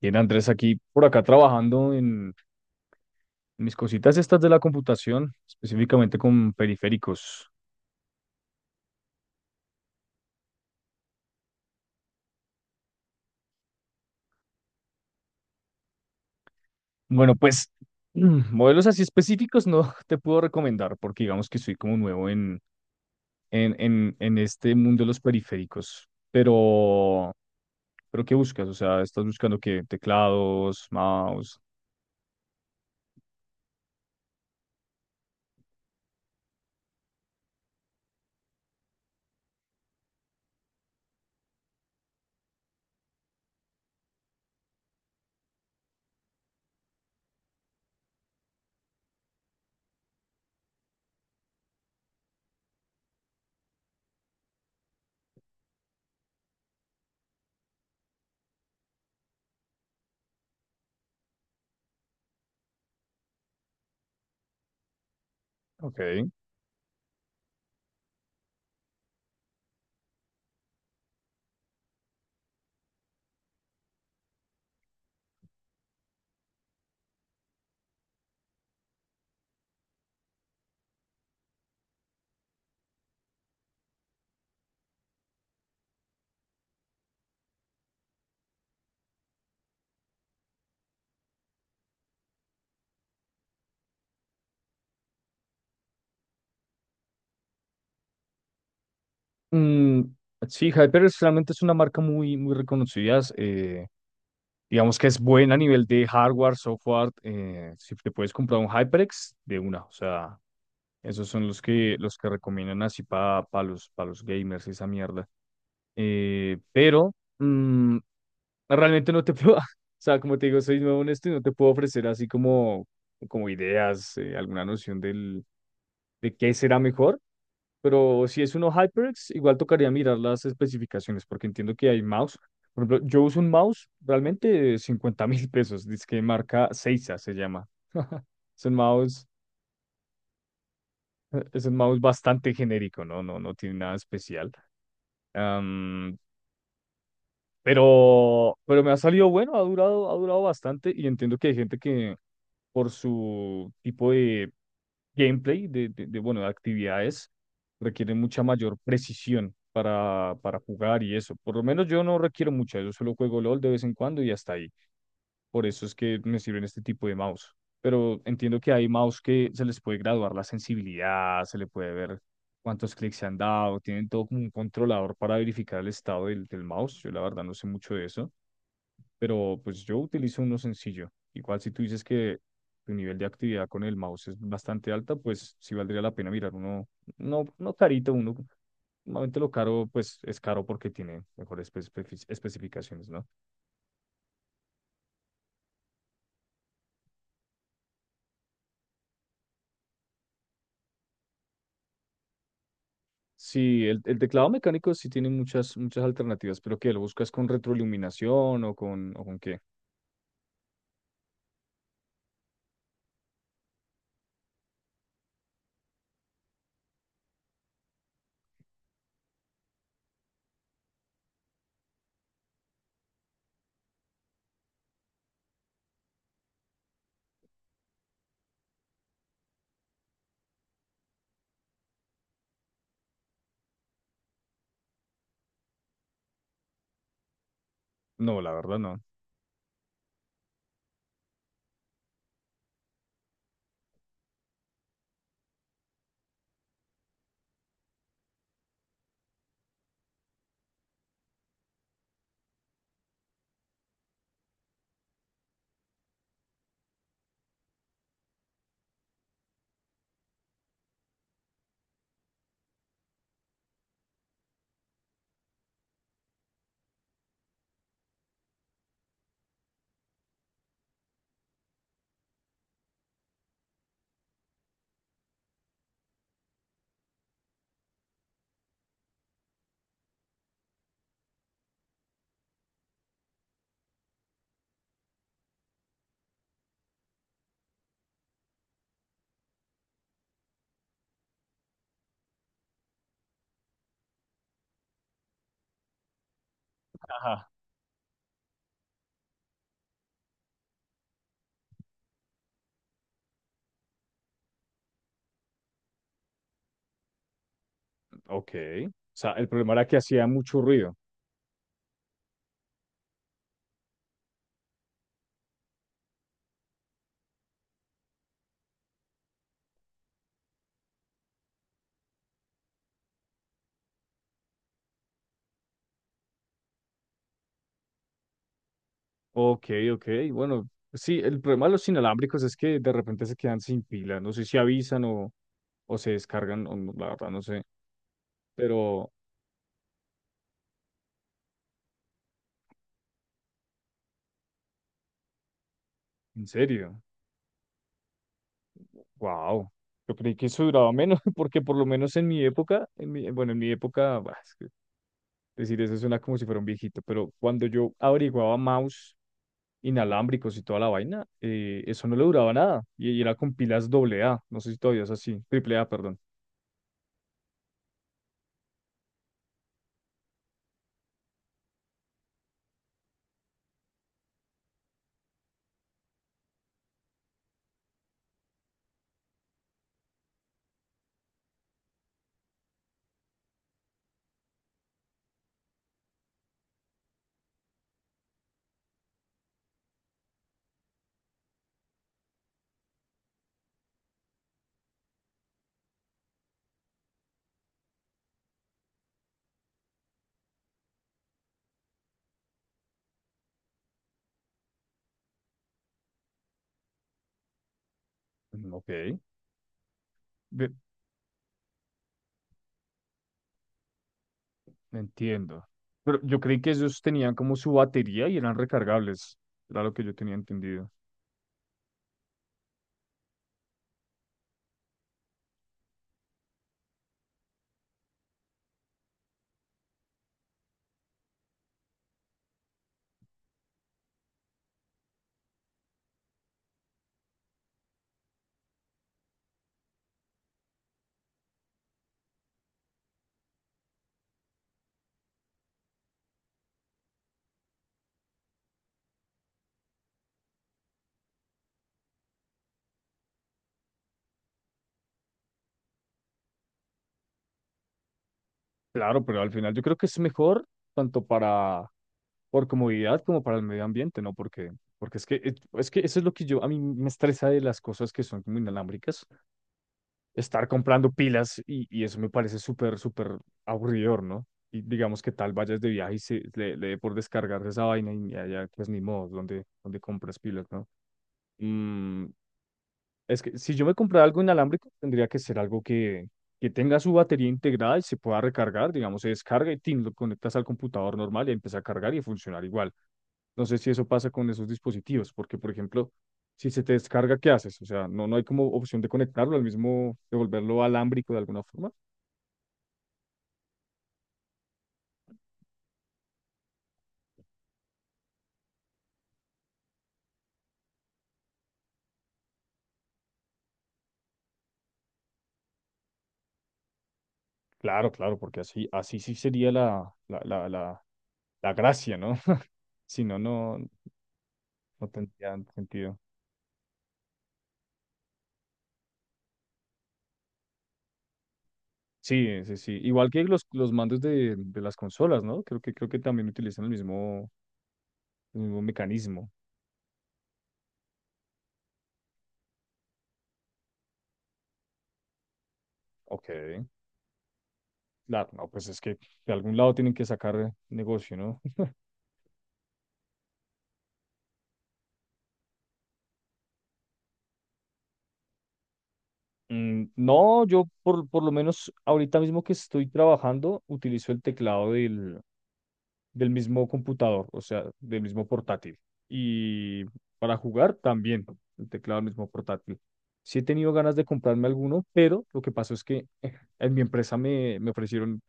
Bien, Andrés, aquí por acá trabajando en mis cositas estas de la computación, específicamente con periféricos. Bueno, pues modelos así específicos no te puedo recomendar porque digamos que soy como nuevo en, en este mundo de los periféricos. Pero ¿qué buscas? O sea, ¿estás buscando qué? Teclados, mouse. Ok. Mm, sí, Hyper realmente es una marca muy, muy reconocida. Digamos que es buena a nivel de hardware, software. Si te puedes comprar un HyperX de una, o sea, esos son los que recomiendan así para los gamers, esa mierda. Eh, pero mm, Realmente no te puedo, o sea, como te digo, soy nuevo en esto y no te puedo ofrecer así como, como ideas, alguna noción del, de qué será mejor. Pero si es uno HyperX, igual tocaría mirar las especificaciones, porque entiendo que hay mouse. Por ejemplo, yo uso un mouse realmente de 50 mil pesos, dice que marca Seiza se llama. Es un mouse, es un mouse bastante genérico, ¿no? No, no tiene nada especial. Am, pero me ha salido bueno, ha durado bastante y entiendo que hay gente que por su tipo de gameplay, bueno, de actividades, requiere mucha mayor precisión para jugar y eso. Por lo menos yo no requiero mucha, yo solo juego LOL de vez en cuando y hasta ahí. Por eso es que me sirven este tipo de mouse. Pero entiendo que hay mouse que se les puede graduar la sensibilidad, se le puede ver cuántos clics se han dado, tienen todo como un controlador para verificar el estado del, del mouse. Yo la verdad no sé mucho de eso, pero pues yo utilizo uno sencillo. Igual si tú dices que tu nivel de actividad con el mouse es bastante alta, pues sí valdría la pena mirar uno, no, no carito, uno, normalmente lo caro, pues es caro porque tiene mejores espe- especificaciones, ¿no? Sí, el teclado mecánico sí tiene muchas, muchas alternativas, pero ¿qué? ¿Lo buscas con retroiluminación o con qué? No, la verdad no. Ajá. Ok. O sea, el problema era que hacía mucho ruido. Ok, ok. Bueno, sí, el problema de los inalámbricos es que de repente se quedan sin pila. No sé si avisan o se descargan, o no, la verdad no sé. Pero, ¿en serio? Wow. Yo creí que eso duraba menos, porque por lo menos en mi época, en mi, bueno, en mi época, bah, es que decir eso suena como si fuera un viejito, pero cuando yo averiguaba mouse inalámbricos y toda la vaina, eso no le duraba nada. Y era con pilas doble A, no sé si todavía es así, triple A, perdón. Mm, ok. Ve- Entiendo. Pero yo creí que ellos tenían como su batería y eran recargables. Era lo que yo tenía entendido. Claro, pero al final yo creo que es mejor tanto para por comodidad como para el medio ambiente, ¿no? Porque, porque es que eso es lo que yo, a mí me estresa de las cosas que son como inalámbricas, estar comprando pilas y eso me parece súper, súper aburridor, ¿no? Y digamos que tal vayas de viaje y se, le dé por descargar esa vaina y allá pues ni modo, donde, donde compras pilas, ¿no? Mm, es que si yo me comprara algo inalámbrico, tendría que ser algo que tenga su batería integrada y se pueda recargar, digamos, se descarga y tin, lo conectas al computador normal y empieza a cargar y a funcionar igual. No sé si eso pasa con esos dispositivos, porque, por ejemplo, si se te descarga, ¿qué haces? O sea, no, no hay como opción de conectarlo al mismo, de volverlo alámbrico de alguna forma. Claro, claro, porque así, así sí sería la, la gracia, ¿no? Si no, no, no tendría sentido. Sí, sí, sí. Igual que los mandos de las consolas, ¿no? Creo que también utilizan el mismo mecanismo. Ok. Claro, no, pues es que de algún lado tienen que sacar negocio, ¿no? No, yo por lo menos ahorita mismo que estoy trabajando, utilizo el teclado del, del mismo computador, o sea, del mismo portátil. Y para jugar también, el teclado del mismo portátil. Sí he tenido ganas de comprarme alguno, pero lo que pasó es que en mi empresa me, me ofrecieron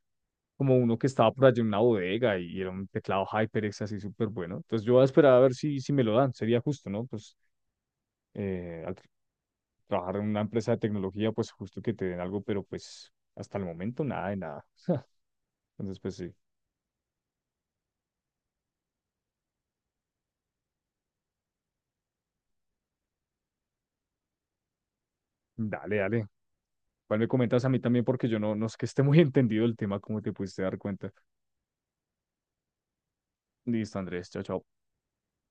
como uno que estaba por allá en una bodega y era un teclado HyperX así súper bueno. Entonces yo voy a esperar a ver si, si me lo dan, sería justo, ¿no? Pues eh, al tr- trabajar en una empresa de tecnología, pues justo que te den algo, pero pues hasta el momento nada de nada. Entonces pues sí, dale, dale. Igual me comentas a mí también porque yo no, no es que esté muy entendido el tema, como te pudiste dar cuenta. Listo, Andrés, chao, chao.